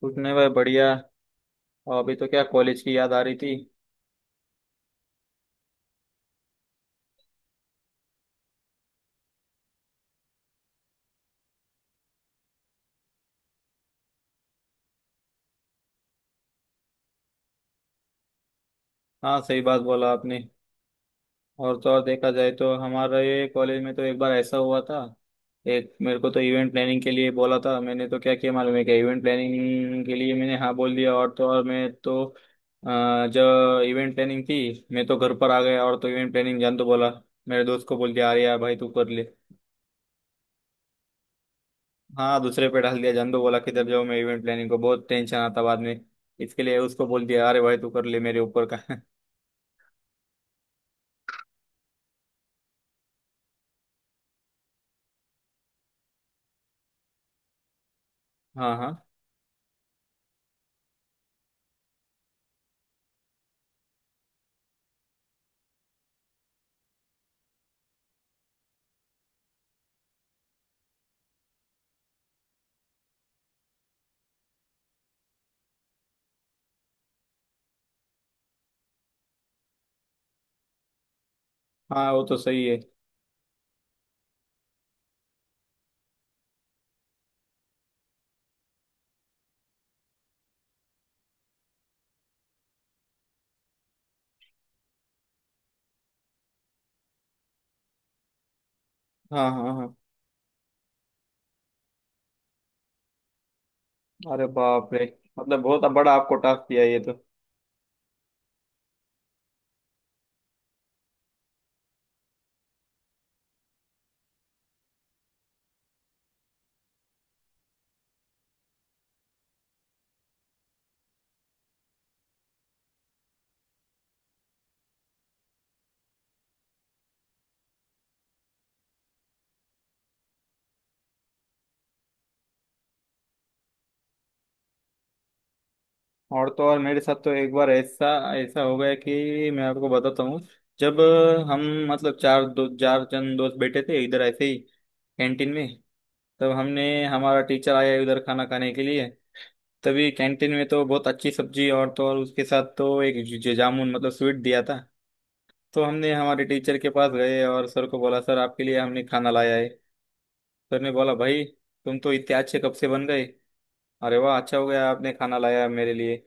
कुछ नहीं भाई, बढ़िया। और अभी तो क्या, कॉलेज की याद आ रही थी। हाँ, सही बात बोला आपने। और तो और, देखा जाए तो हमारे कॉलेज में तो एक बार ऐसा हुआ था। एक मेरे को तो इवेंट प्लानिंग के लिए बोला था, मैंने तो क्या किया मालूम है क्या, इवेंट प्लानिंग के लिए मैंने हाँ बोल दिया। और तो और मैं तो जब इवेंट प्लानिंग थी मैं तो घर पर आ गया, और तो इवेंट प्लानिंग जान तो बोला मेरे दोस्त को बोल दिया अरे यार भाई तू कर ले। हाँ, दूसरे पे डाल दिया, जान तो बोला किधर जाऊँ मैं, इवेंट प्लानिंग को बहुत टेंशन आता बाद में। इसके लिए उसको बोल दिया अरे भाई तू कर ले मेरे ऊपर का। हाँ हाँ हाँ, वो तो सही है। हाँ हाँ हाँ। अरे बाप रे। मतलब बहुत बड़ा आपको टास्क दिया ये तो। और तो और मेरे साथ तो एक बार ऐसा ऐसा हो गया कि मैं आपको बताता हूँ। जब हम, मतलब चार दो चार जन दोस्त बैठे थे इधर ऐसे ही, कैंटीन में। तब हमने हमारा टीचर आया इधर खाना खाने के लिए। तभी कैंटीन में तो बहुत अच्छी सब्जी, और तो और उसके साथ तो एक जामुन मतलब स्वीट दिया था। तो हमने हमारे टीचर के पास गए और सर को बोला सर आपके लिए हमने खाना लाया है। सर ने बोला भाई, तुम तो इतने अच्छे कब से बन गए, अरे वाह, अच्छा हो गया आपने खाना लाया मेरे लिए।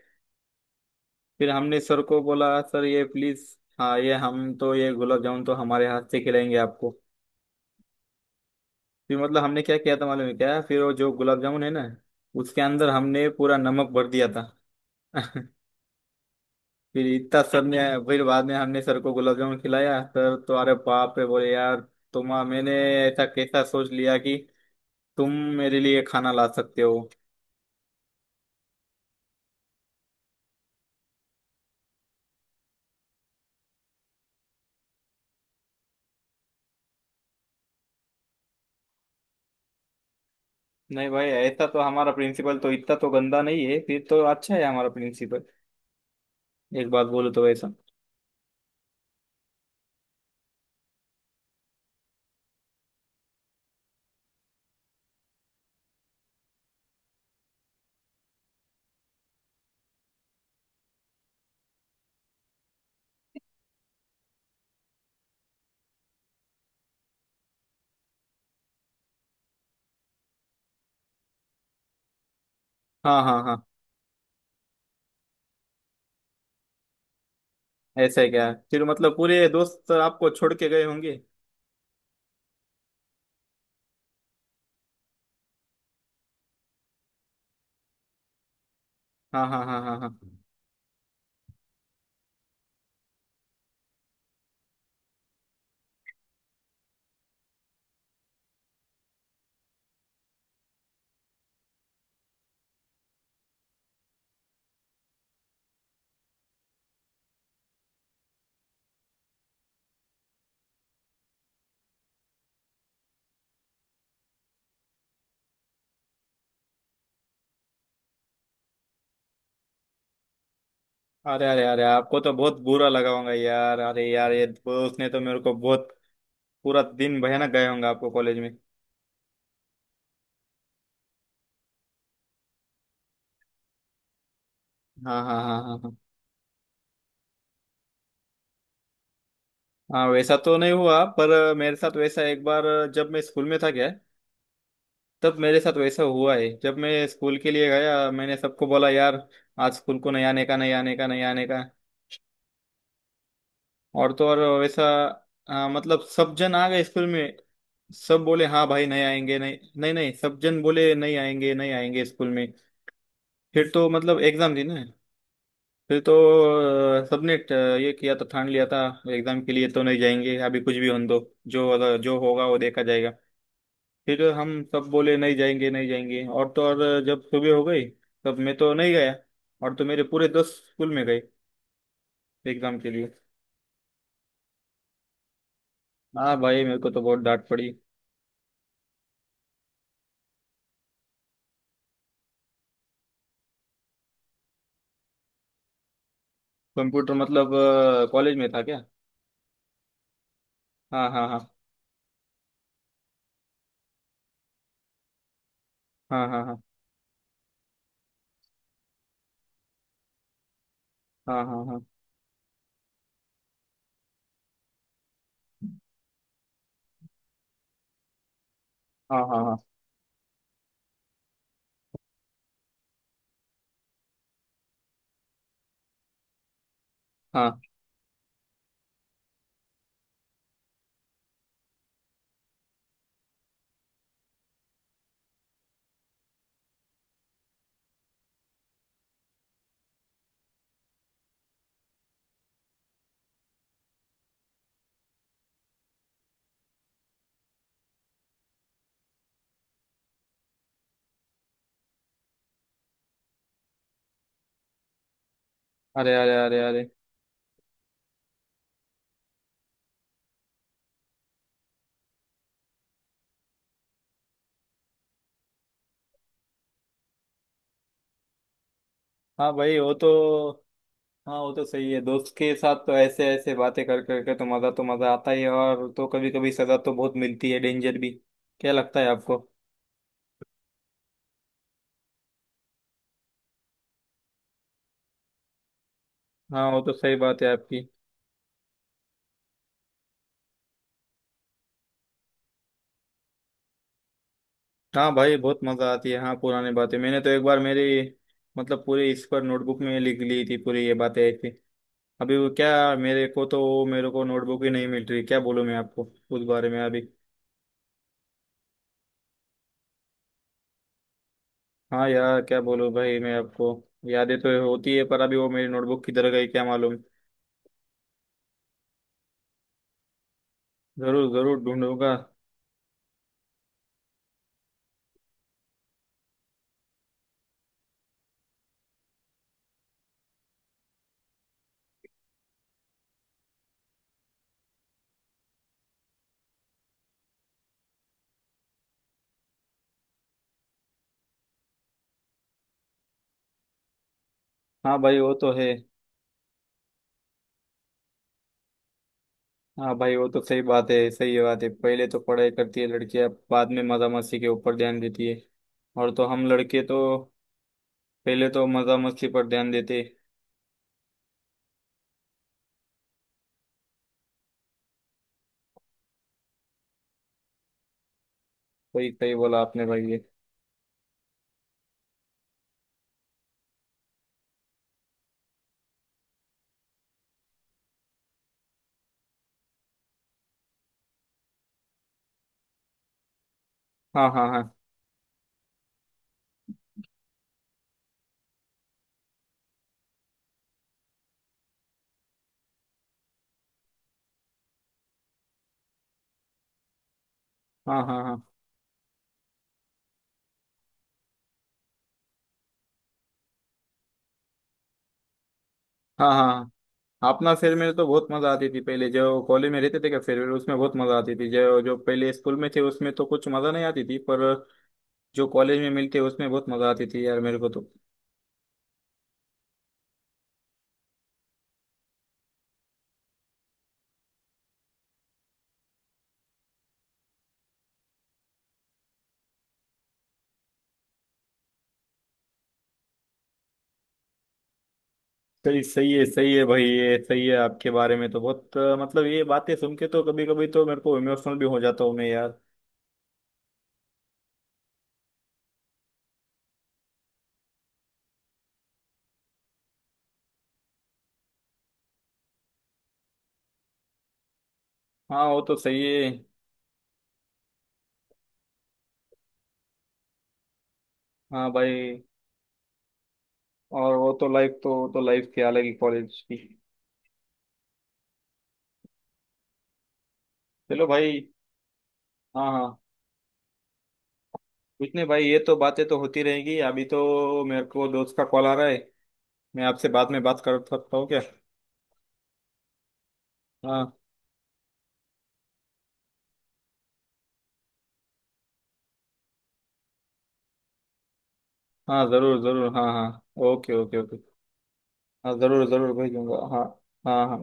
फिर हमने सर को बोला सर ये प्लीज, हाँ ये हम तो ये गुलाब जामुन तो हमारे हाथ से खिलाएंगे आपको। फिर मतलब हमने क्या किया था मालूम है क्या, फिर वो जो गुलाब जामुन है ना, उसके अंदर हमने पूरा नमक भर दिया था। फिर इतना सर ने, फिर बाद में हमने सर को गुलाब जामुन खिलाया, सर तो अरे बाप रे बोले, यार तुम, मैंने ऐसा कैसा सोच लिया कि तुम मेरे लिए खाना ला सकते हो। नहीं भाई, ऐसा तो हमारा प्रिंसिपल तो इतना तो गंदा नहीं है, फिर तो अच्छा है हमारा प्रिंसिपल। एक बात बोलो तो ऐसा। हाँ हाँ हाँ। ऐसा है क्या, फिर मतलब पूरे दोस्त आपको छोड़ के गए होंगे। हाँ हाँ हाँ हाँ हाँ। अरे अरे अरे, आपको तो बहुत बुरा लगा होगा यार, अरे यार ये दोस्त ने तो मेरे को बहुत। पूरा दिन भयानक गए होंगे आपको कॉलेज में। हाँ हाँ हाँ हाँ हाँ। हाँ वैसा तो नहीं हुआ, पर मेरे साथ वैसा एक बार जब मैं स्कूल में था क्या, तब मेरे साथ वैसा हुआ है। जब मैं स्कूल के लिए गया मैंने सबको बोला यार आज स्कूल को नहीं आने का, नहीं आने का, नहीं आने का। और तो और वैसा, हाँ, मतलब सब जन आ गए स्कूल में। सब बोले हाँ भाई नहीं आएंगे नहीं नहीं नहीं, सब जन बोले नहीं आएंगे नहीं आएंगे स्कूल में। फिर तो मतलब एग्जाम थी ना। फिर तो अ, सबने ट- ये किया था, ठान लिया था एग्जाम के लिए तो नहीं जाएंगे, अभी कुछ भी होने दो, जो अगर- जो होगा वो देखा जाएगा। फिर हम सब बोले नहीं जाएंगे नहीं जाएंगे। और तो और जब सुबह हो गई तब मैं तो नहीं गया। और तो मेरे पूरे दोस्त स्कूल में गए एग्जाम के लिए। हाँ भाई, मेरे को तो बहुत डांट पड़ी। कंप्यूटर मतलब, कॉलेज में था क्या। हाँ हाँ हाँ। हाँ हाँ हाँ। हाँ हाँ हाँ हाँ हाँ हाँ हाँ। अरे अरे अरे अरे। हाँ भाई वो तो। हाँ वो तो सही है, दोस्त के साथ तो ऐसे ऐसे बातें कर कर के तो मज़ा आता ही है, और तो कभी कभी सज़ा तो बहुत मिलती है, डेंजर भी। क्या लगता है आपको। हाँ वो तो सही बात है आपकी। हाँ भाई बहुत मज़ा आती है, हाँ पुरानी बातें मैंने तो एक बार मेरी, मतलब पूरी इस पर नोटबुक में लिख ली थी, पूरी ये बातें ऐसी। अभी वो क्या, मेरे को तो वो मेरे को नोटबुक ही नहीं मिल रही, क्या बोलूँ मैं आपको उस बारे में अभी। हाँ यार क्या बोलूं भाई मैं आपको, यादें तो होती है पर अभी वो मेरी नोटबुक किधर गई क्या मालूम। जरूर जरूर ढूंढूंगा। हाँ भाई वो तो है। हाँ भाई वो तो सही बात है, सही बात है। पहले तो पढ़ाई करती है लड़कियां, बाद में मजा मस्ती के ऊपर ध्यान देती है। और तो हम लड़के तो पहले तो मजा मस्ती पर ध्यान देते। सही सही बोला आपने भाई ये। हाँ हाँ हाँ हाँ हाँ हाँ हाँ हाँ हाँ। अपना फेयरवेल में तो बहुत मजा आती थी, पहले जो कॉलेज में रहते थे क्या फेयरवेल उसमें बहुत मजा आती थी, जो जो पहले स्कूल में थे उसमें तो कुछ मजा नहीं आती थी, पर जो कॉलेज में मिलते उसमें बहुत मजा आती थी यार मेरे को तो। सही सही है, सही है भाई, ये सही है। आपके बारे में तो बहुत, मतलब ये बातें सुन के तो कभी कभी तो मेरे को इमोशनल भी हो जाता हूँ मैं यार। हाँ वो तो सही है। हाँ भाई। और वो तो लाइफ की अलग ही कॉलेज की। चलो भाई। हाँ हाँ। कुछ नहीं भाई, ये तो बातें तो होती रहेंगी, अभी तो मेरे को दोस्त का कॉल आ रहा है, मैं आपसे बाद में बात कर सकता हूँ क्या। हाँ हाँ जरूर जरूर, हाँ हाँ, ओके ओके ओके। हाँ जरूर जरूर भेजूंगा, हाँ हाँ हाँ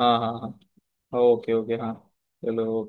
हाँ हाँ हाँ। ओके ओके हाँ। चलो।